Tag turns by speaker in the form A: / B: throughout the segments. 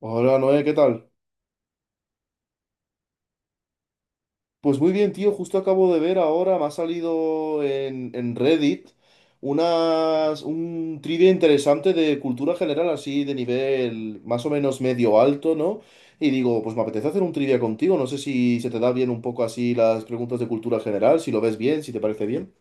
A: Hola Noé, ¿qué tal? Pues muy bien, tío, justo acabo de ver ahora, me ha salido en Reddit un trivia interesante de cultura general, así de nivel más o menos medio alto, ¿no? Y digo, pues me apetece hacer un trivia contigo, no sé si se te da bien un poco así las preguntas de cultura general, si lo ves bien, si te parece bien.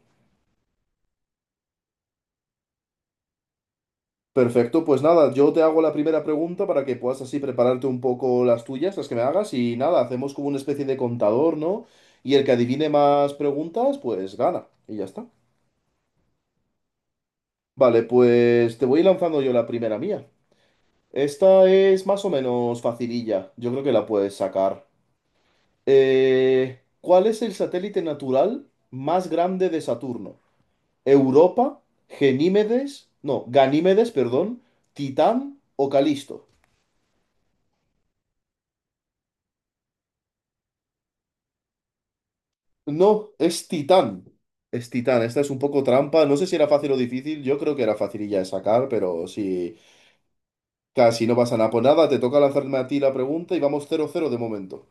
A: Perfecto, pues nada, yo te hago la primera pregunta para que puedas así prepararte un poco las tuyas, las que me hagas, y nada, hacemos como una especie de contador, ¿no? Y el que adivine más preguntas, pues gana, y ya está. Vale, pues te voy lanzando yo la primera mía. Esta es más o menos facililla, yo creo que la puedes sacar. ¿Cuál es el satélite natural más grande de Saturno? ¿Europa, Genímedes, no, Ganímedes, perdón, Titán o Calisto? No, es Titán. Es Titán. Esta es un poco trampa. No sé si era fácil o difícil. Yo creo que era facililla de sacar, pero sí. Casi no pasa nada. Pues nada, te toca lanzarme a ti la pregunta y vamos 0-0 de momento.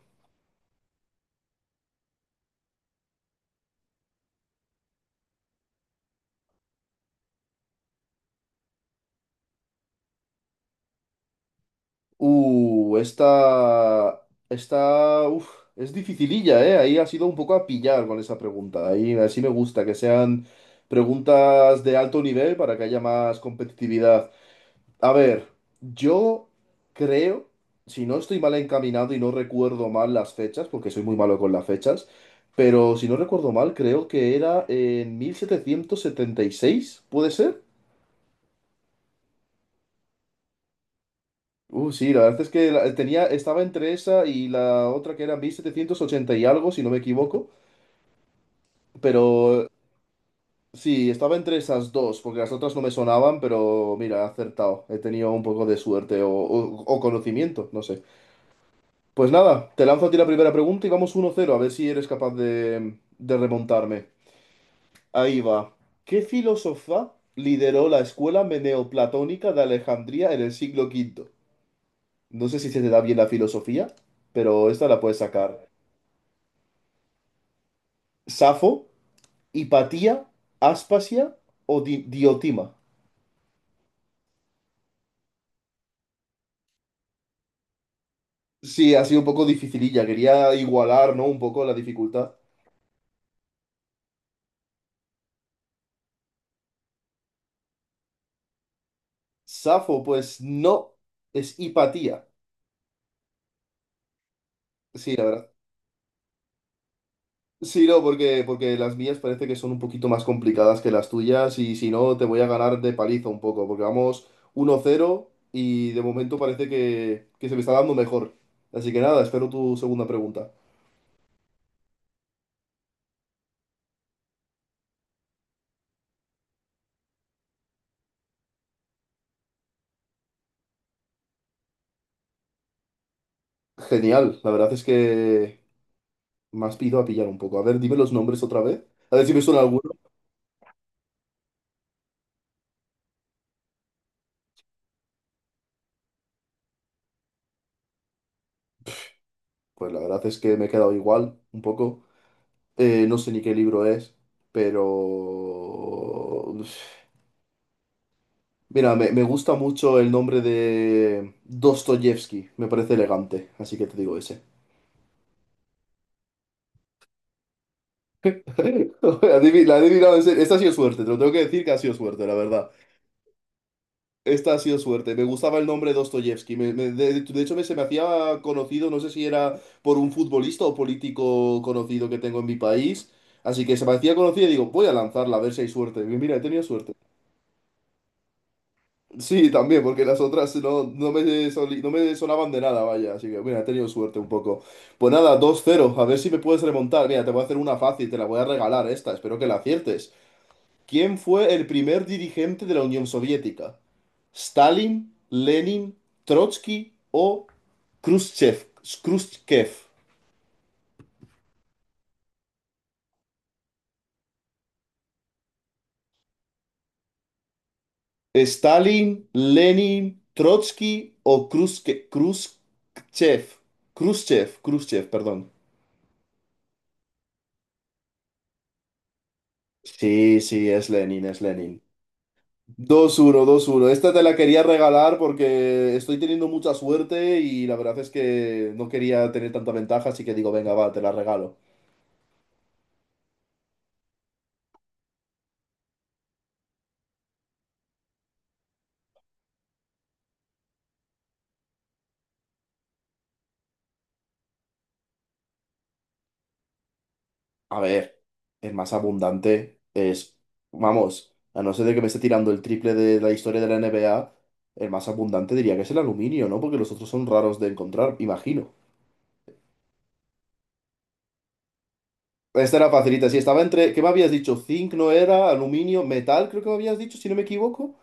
A: Uh, esta. Esta. Uf, es dificililla, ¿eh? Ahí ha sido un poco a pillar con esa pregunta. Ahí así me gusta, que sean preguntas de alto nivel para que haya más competitividad. A ver, yo creo, si no estoy mal encaminado y no recuerdo mal las fechas, porque soy muy malo con las fechas, pero si no recuerdo mal, creo que era en 1776, ¿puede ser? Sí, la verdad es que tenía, estaba entre esa y la otra que era 1780 y algo, si no me equivoco, pero sí, estaba entre esas dos, porque las otras no me sonaban, pero mira, he acertado, he tenido un poco de suerte o conocimiento, no sé. Pues nada, te lanzo a ti la primera pregunta y vamos 1-0, a ver si eres capaz de remontarme. Ahí va. ¿Qué filósofa lideró la escuela meneoplatónica de Alejandría en el siglo quinto? No sé si se te da bien la filosofía, pero esta la puedes sacar. ¿Safo, Hipatía, Aspasia o Diotima? Sí, ha sido un poco dificililla. Quería igualar, ¿no? Un poco la dificultad. Safo, pues no, es Hipatía. Sí, la verdad. Sí, no, porque las mías parece que son un poquito más complicadas que las tuyas y si no te voy a ganar de paliza un poco, porque vamos 1-0 y de momento parece que se me está dando mejor. Así que nada, espero tu segunda pregunta. Genial, la verdad es que me has ido a pillar un poco. A ver, dime los nombres otra vez. A ver si me suena alguno. Pues la verdad es que me he quedado igual un poco. No sé ni qué libro es, pero... Mira, me gusta mucho el nombre de Dostoyevsky, me parece elegante, así que te digo ese. La he adivinado en serio. Esta ha sido suerte, te lo tengo que decir que ha sido suerte, la verdad. Esta ha sido suerte. Me gustaba el nombre Dostoyevsky. De hecho, se me hacía conocido, no sé si era por un futbolista o político conocido que tengo en mi país. Así que se me hacía conocido y digo, voy a lanzarla a ver si hay suerte. Y mira, he tenido suerte. Sí, también, porque las otras no, no me no me sonaban de nada, vaya. Así que, mira, he tenido suerte un poco. Pues nada, dos 0. A ver si me puedes remontar. Mira, te voy a hacer una fácil, te la voy a regalar esta. Espero que la aciertes. ¿Quién fue el primer dirigente de la Unión Soviética? ¿Stalin, Lenin, Trotsky o Khrushchev? Khrushchev. ¿Stalin, Lenin, Trotsky o Khrushchev? Khrushchev, Khrushchev, perdón. Sí, sí, es Lenin, es Lenin. 2-1. 2-1. Esta te la quería regalar porque estoy teniendo mucha suerte y la verdad es que no quería tener tanta ventaja, así que digo, venga, va, te la regalo. A ver, el más abundante es, vamos, a no ser de que me esté tirando el triple de la historia de la NBA, el más abundante diría que es el aluminio, ¿no? Porque los otros son raros de encontrar, imagino. Esta era facilita, sí, estaba entre, ¿qué me habías dicho? Zinc no era, aluminio, metal, creo que me habías dicho, si no me equivoco.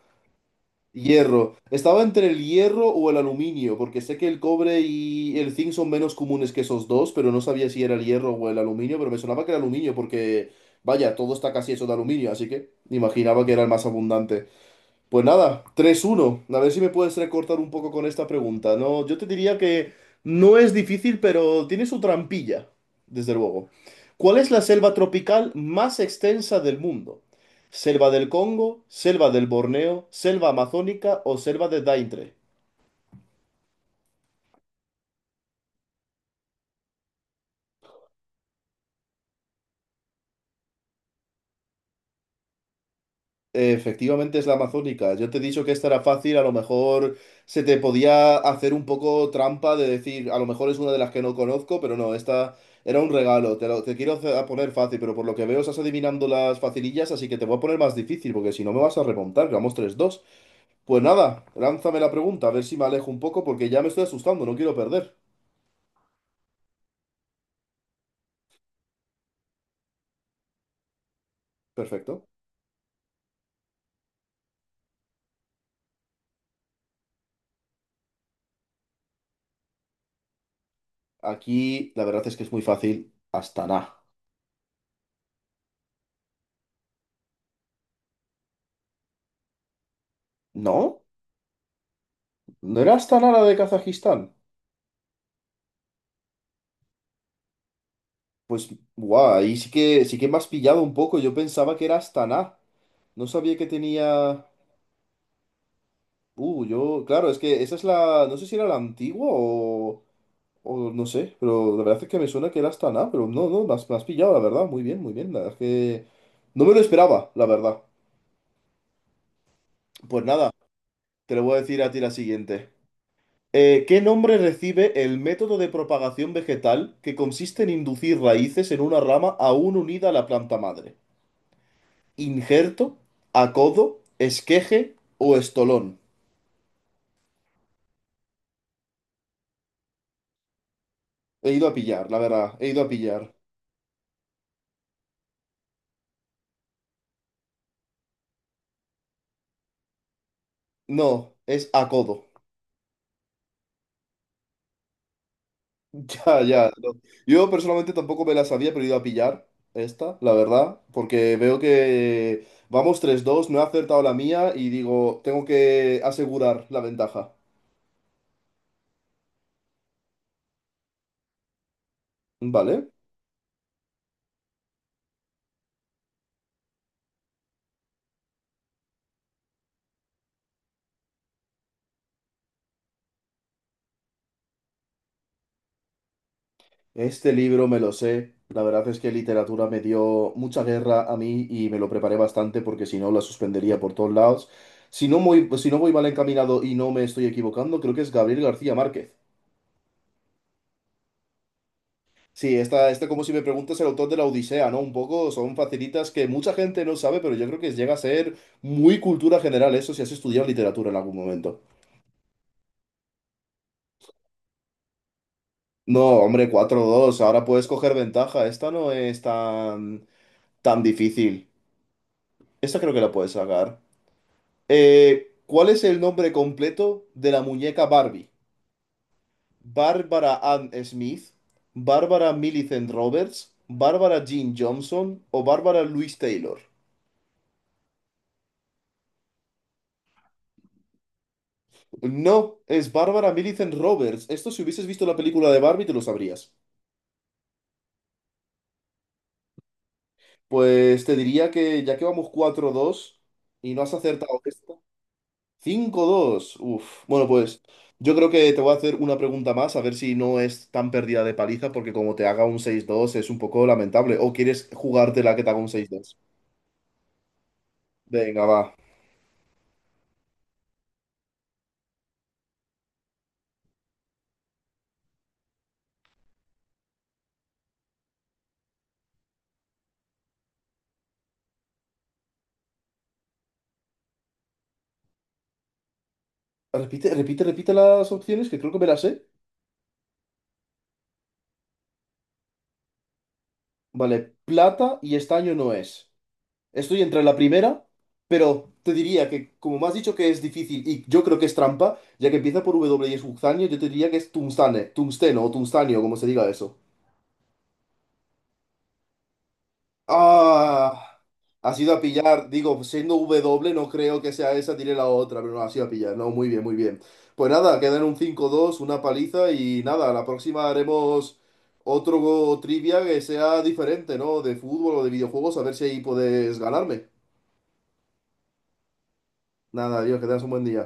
A: Hierro. Estaba entre el hierro o el aluminio, porque sé que el cobre y el zinc son menos comunes que esos dos, pero no sabía si era el hierro o el aluminio, pero me sonaba que era aluminio, porque vaya, todo está casi hecho de aluminio, así que imaginaba que era el más abundante. Pues nada, 3-1. A ver si me puedes recortar un poco con esta pregunta. No, yo te diría que no es difícil, pero tiene su trampilla, desde luego. ¿Cuál es la selva tropical más extensa del mundo? ¿Selva del Congo, selva del Borneo, selva amazónica o selva de Daintre? Efectivamente es la amazónica. Yo te he dicho que esta era fácil, a lo mejor se te podía hacer un poco trampa de decir, a lo mejor es una de las que no conozco, pero no, esta era un regalo. Te, lo- te quiero hacer- a poner fácil, pero por lo que veo estás adivinando las facilillas, así que te voy a poner más difícil, porque si no me vas a remontar, que vamos 3-2. Pues nada, lánzame la pregunta, a ver si me alejo un poco, porque ya me estoy asustando, no quiero perder. Perfecto. Aquí la verdad es que es muy fácil. Astana. ¿No? ¿No era Astana la de Kazajistán? Pues, guau, ahí sí que me has pillado un poco. Yo pensaba que era Astana. No sabía que tenía. Yo. Claro, es que esa es la. No sé si era la antigua o. O no sé, pero la verdad es que me suena que era Astana, pero no, no, me has pillado, la verdad. Muy bien, muy bien. La verdad es que. No me lo esperaba, la verdad. Pues nada, te lo voy a decir a ti la siguiente. ¿Qué nombre recibe el método de propagación vegetal que consiste en inducir raíces en una rama aún unida a la planta madre? Injerto, acodo, esqueje o estolón. He ido a pillar, la verdad, he ido a pillar. No, es acodo. Ya, ya. No. Yo personalmente tampoco me la sabía, pero he ido a pillar esta, la verdad, porque veo que vamos 3-2, no he acertado la mía y digo, tengo que asegurar la ventaja. Vale. Este libro me lo sé. La verdad es que literatura me dio mucha guerra a mí y me lo preparé bastante porque si no la suspendería por todos lados. Si no, muy, si no voy mal encaminado y no me estoy equivocando, creo que es Gabriel García Márquez. Sí, esta, este como si me preguntas el autor de la Odisea, ¿no? Un poco son facilitas que mucha gente no sabe, pero yo creo que llega a ser muy cultura general eso si has estudiado literatura en algún momento. No, hombre, 4-2. Ahora puedes coger ventaja. Esta no es tan, tan difícil. Esta creo que la puedes sacar. ¿Cuál es el nombre completo de la muñeca Barbie? ¿Barbara Ann Smith? ¿Barbara Millicent Roberts? ¿Barbara Jean Johnson? ¿O Barbara Louise Taylor? No, es Barbara Millicent Roberts. Esto si hubieses visto la película de Barbie te lo sabrías. Pues te diría que ya que vamos 4-2 y no has acertado esta, 5-2. Uf. Bueno, pues yo creo que te voy a hacer una pregunta más, a ver si no es tan perdida de paliza, porque como te haga un 6-2 es un poco lamentable. ¿O quieres jugarte la que te haga un 6-2? Venga, va. Repite, repite, repite las opciones, que creo que me las sé. Vale, plata y estaño no es. Estoy entre la primera, pero te diría que, como me has dicho que es difícil y yo creo que es trampa, ya que empieza por W y es Uxanio, yo te diría que es tungstane, tungsteno o tungstanio, como se diga eso. Ah, has ido a pillar, digo, siendo W no creo que sea esa, tiré la otra, pero no, has ido a pillar, no, muy bien, muy bien. Pues nada, quedan un 5-2, una paliza y nada, la próxima haremos otro trivia que sea diferente, ¿no? De fútbol o de videojuegos, a ver si ahí puedes ganarme. Nada, adiós, que tengas un buen día.